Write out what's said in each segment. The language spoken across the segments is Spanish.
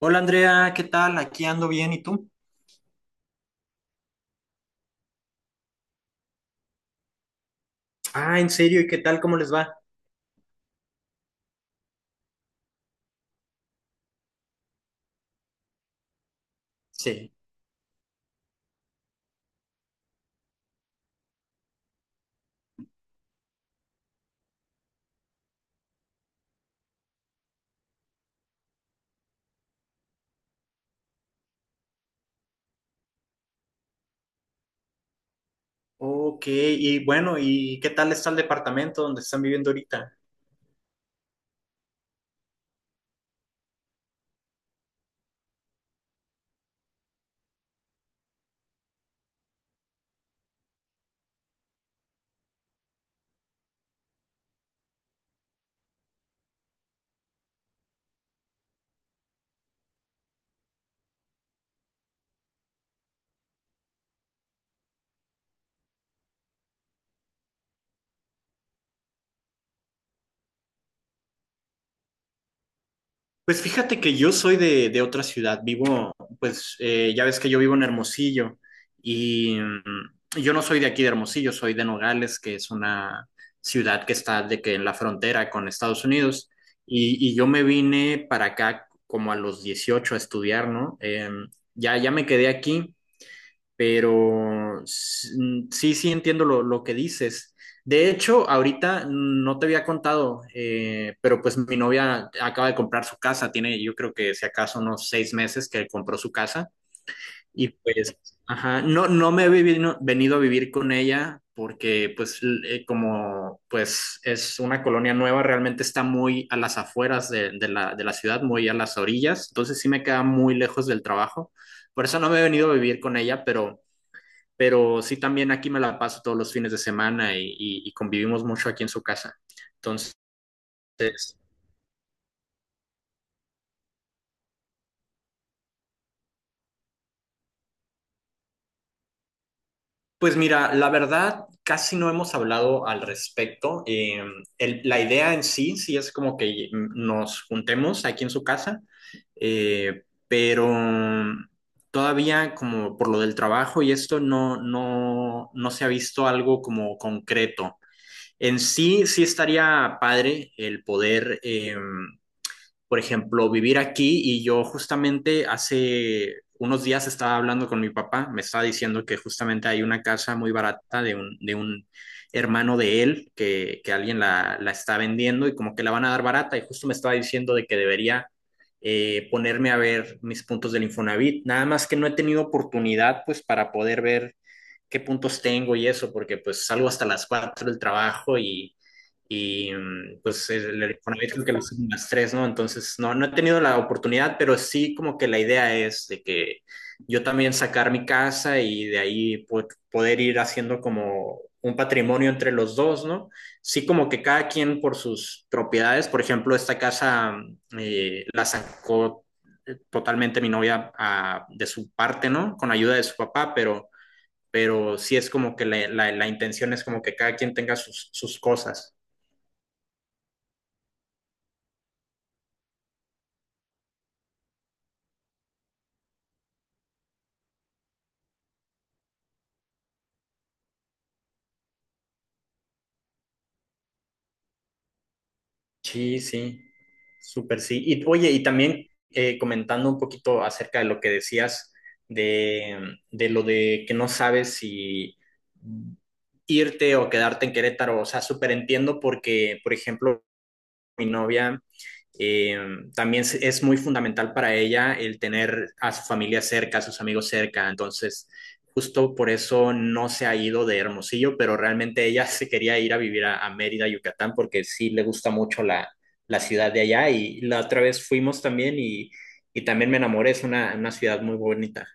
Hola Andrea, ¿qué tal? Aquí ando bien, ¿y tú? Ah, ¿en serio? ¿Y qué tal? ¿Cómo les va? Sí. Ok, y bueno, ¿y qué tal está el departamento donde están viviendo ahorita? Pues fíjate que yo soy de otra ciudad, vivo, pues ya ves que yo vivo en Hermosillo y yo no soy de aquí de Hermosillo, soy de Nogales, que es una ciudad que está de que en la frontera con Estados Unidos y, yo me vine para acá como a los 18 a estudiar, ¿no? Ya me quedé aquí pero sí, sí entiendo lo que dices. De hecho, ahorita no te había contado, pero pues mi novia acaba de comprar su casa, tiene yo creo que si acaso unos 6 meses que compró su casa y pues, ajá, no, no me he venido a vivir con ella porque pues como pues es una colonia nueva, realmente está muy a las afueras de la ciudad, muy a las orillas, entonces sí me queda muy lejos del trabajo, por eso no me he venido a vivir con ella, pero sí también aquí me la paso todos los fines de semana y, y convivimos mucho aquí en su casa. Entonces, pues mira, la verdad, casi no hemos hablado al respecto. La idea en sí, sí es como que nos juntemos aquí en su casa, pero todavía como por lo del trabajo y esto no se ha visto algo como concreto. En sí, sí estaría padre el poder, por ejemplo, vivir aquí. Y yo justamente hace unos días estaba hablando con mi papá, me estaba diciendo que justamente hay una casa muy barata de un hermano de él que alguien la está vendiendo y como que la van a dar barata. Y justo me estaba diciendo de que debería ponerme a ver mis puntos del Infonavit, nada más que no he tenido oportunidad pues para poder ver qué puntos tengo y eso, porque pues salgo hasta las 4 del trabajo. Pues el Infonavit creo que lo hacen las 3, ¿no? Entonces, no, no he tenido la oportunidad, pero sí como que la idea es de que yo también sacar mi casa y de ahí poder ir haciendo como un patrimonio entre los dos, ¿no? Sí, como que cada quien por sus propiedades. Por ejemplo, esta casa la sacó totalmente mi novia, de su parte, ¿no? Con ayuda de su papá, pero sí es como que la intención es como que cada quien tenga sus cosas. Sí, sí, súper sí. Y oye, y también comentando un poquito acerca de lo que decías de, de lo de que no sabes si irte o quedarte en Querétaro, o sea, súper entiendo porque, por ejemplo, mi novia eh, también es muy fundamental para ella el tener a su familia cerca, a sus amigos cerca. Entonces, justo por eso no se ha ido de Hermosillo, pero realmente ella se quería ir a vivir a Mérida, Yucatán, porque sí le gusta mucho la ciudad de allá. Y la otra vez fuimos también y también me enamoré. Es una ciudad muy bonita.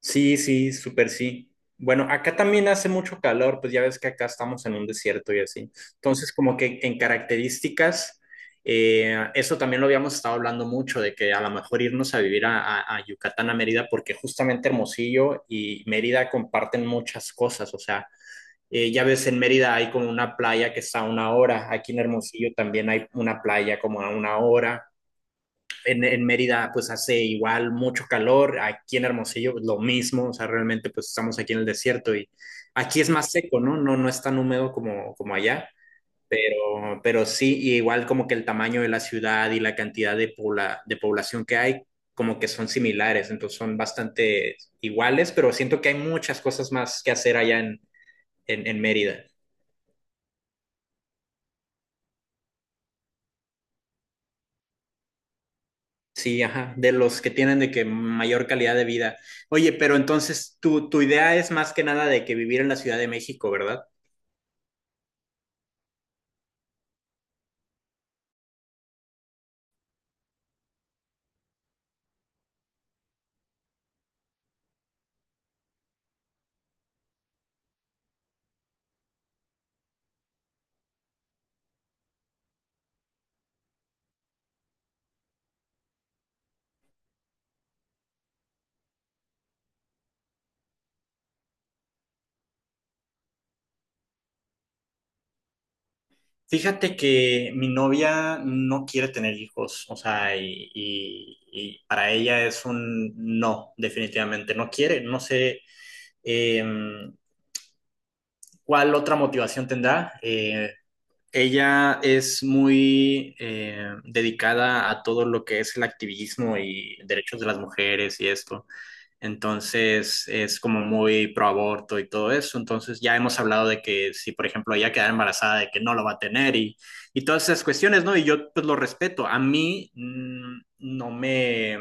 Sí, sí, súper sí. Bueno, acá también hace mucho calor, pues ya ves que acá estamos en un desierto y así. Entonces, como que en características, eso también lo habíamos estado hablando mucho, de que a lo mejor irnos a vivir a Yucatán, a Mérida, porque justamente Hermosillo y Mérida comparten muchas cosas. O sea, ya ves, en Mérida hay como una playa que está a una hora, aquí en Hermosillo también hay una playa como a una hora. Mérida pues hace igual mucho calor, aquí en Hermosillo pues, lo mismo, o sea, realmente pues estamos aquí en el desierto y aquí es más seco, ¿no? No, no es tan húmedo como allá, pero sí. Y igual como que el tamaño de la ciudad y la cantidad de población que hay como que son similares, entonces son bastante iguales, pero siento que hay muchas cosas más que hacer allá en Mérida. Sí, ajá, de los que tienen de que mayor calidad de vida. Oye, pero entonces tu idea es más que nada de que vivir en la Ciudad de México, ¿verdad? Fíjate que mi novia no quiere tener hijos, o sea, y, y para ella es un no, definitivamente, no quiere, no sé eh, cuál otra motivación tendrá. Ella es muy dedicada a todo lo que es el activismo y derechos de las mujeres y esto. Entonces es como muy pro aborto y todo eso. Entonces ya hemos hablado de que si, por ejemplo, ella queda embarazada, de que no lo va a tener y todas esas cuestiones, ¿no? Y yo pues lo respeto. A mí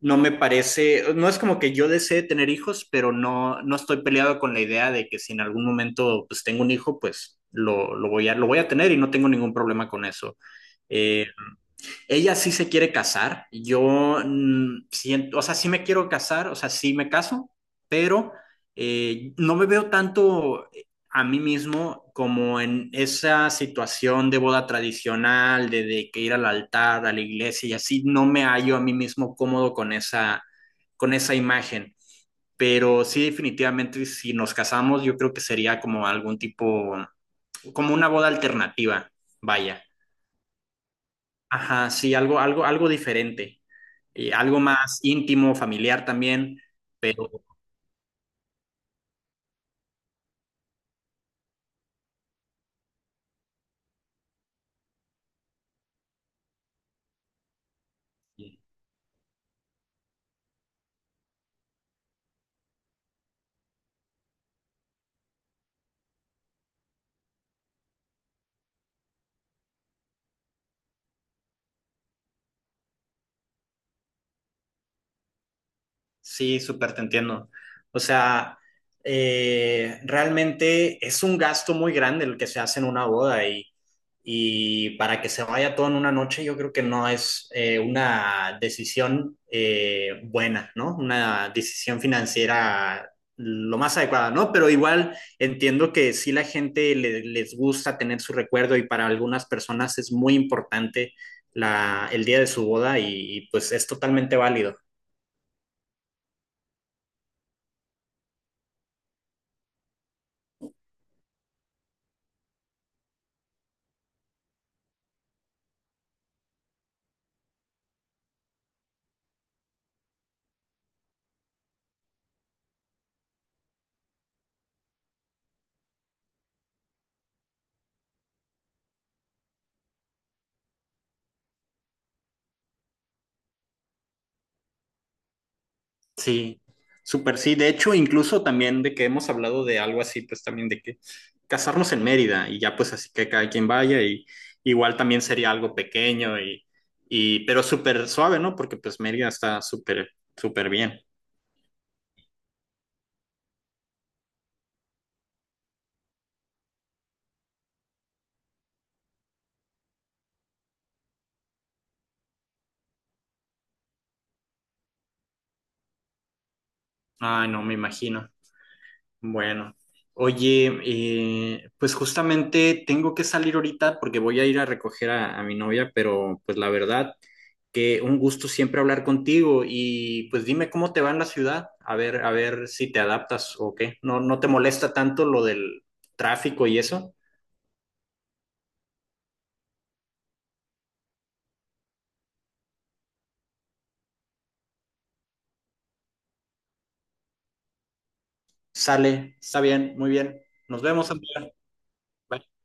no me parece, no es como que yo desee tener hijos, pero no, no estoy peleado con la idea de que si en algún momento pues tengo un hijo, pues lo voy lo voy a tener y no tengo ningún problema con eso. Eh, Ella sí se quiere casar. Yo siento, o sea, sí me quiero casar, o sea, sí me caso, pero no me veo tanto a mí mismo como en esa situación de boda tradicional, de que ir al altar, a la iglesia y así. No me hallo a mí mismo cómodo con esa imagen. Pero sí, definitivamente, si nos casamos, yo creo que sería como algún tipo, como una boda alternativa, vaya. Ajá, sí, algo diferente, algo más íntimo, familiar también, pero eh, sí, súper te entiendo. O sea, realmente es un gasto muy grande el que se hace en una boda y para que se vaya todo en una noche, yo creo que no es una decisión buena, ¿no? Una decisión financiera lo más adecuada, ¿no? Pero igual entiendo que sí la gente les gusta tener su recuerdo y para algunas personas es muy importante el día de su boda y pues es totalmente válido. Sí, súper sí. De hecho, incluso también de que hemos hablado de algo así, pues también de que casarnos en Mérida y ya pues así que cada quien vaya. Y igual también sería algo pequeño y pero súper suave, ¿no? Porque pues Mérida está súper, súper bien. Ay, no, me imagino. Bueno, oye, pues justamente tengo que salir ahorita porque voy a ir a recoger a mi novia, pero pues la verdad que un gusto siempre hablar contigo y pues dime cómo te va en la ciudad, a ver si te adaptas o qué. No, no te molesta tanto lo del tráfico y eso. Sale, está bien, muy bien. Nos vemos, Andrea. Bye.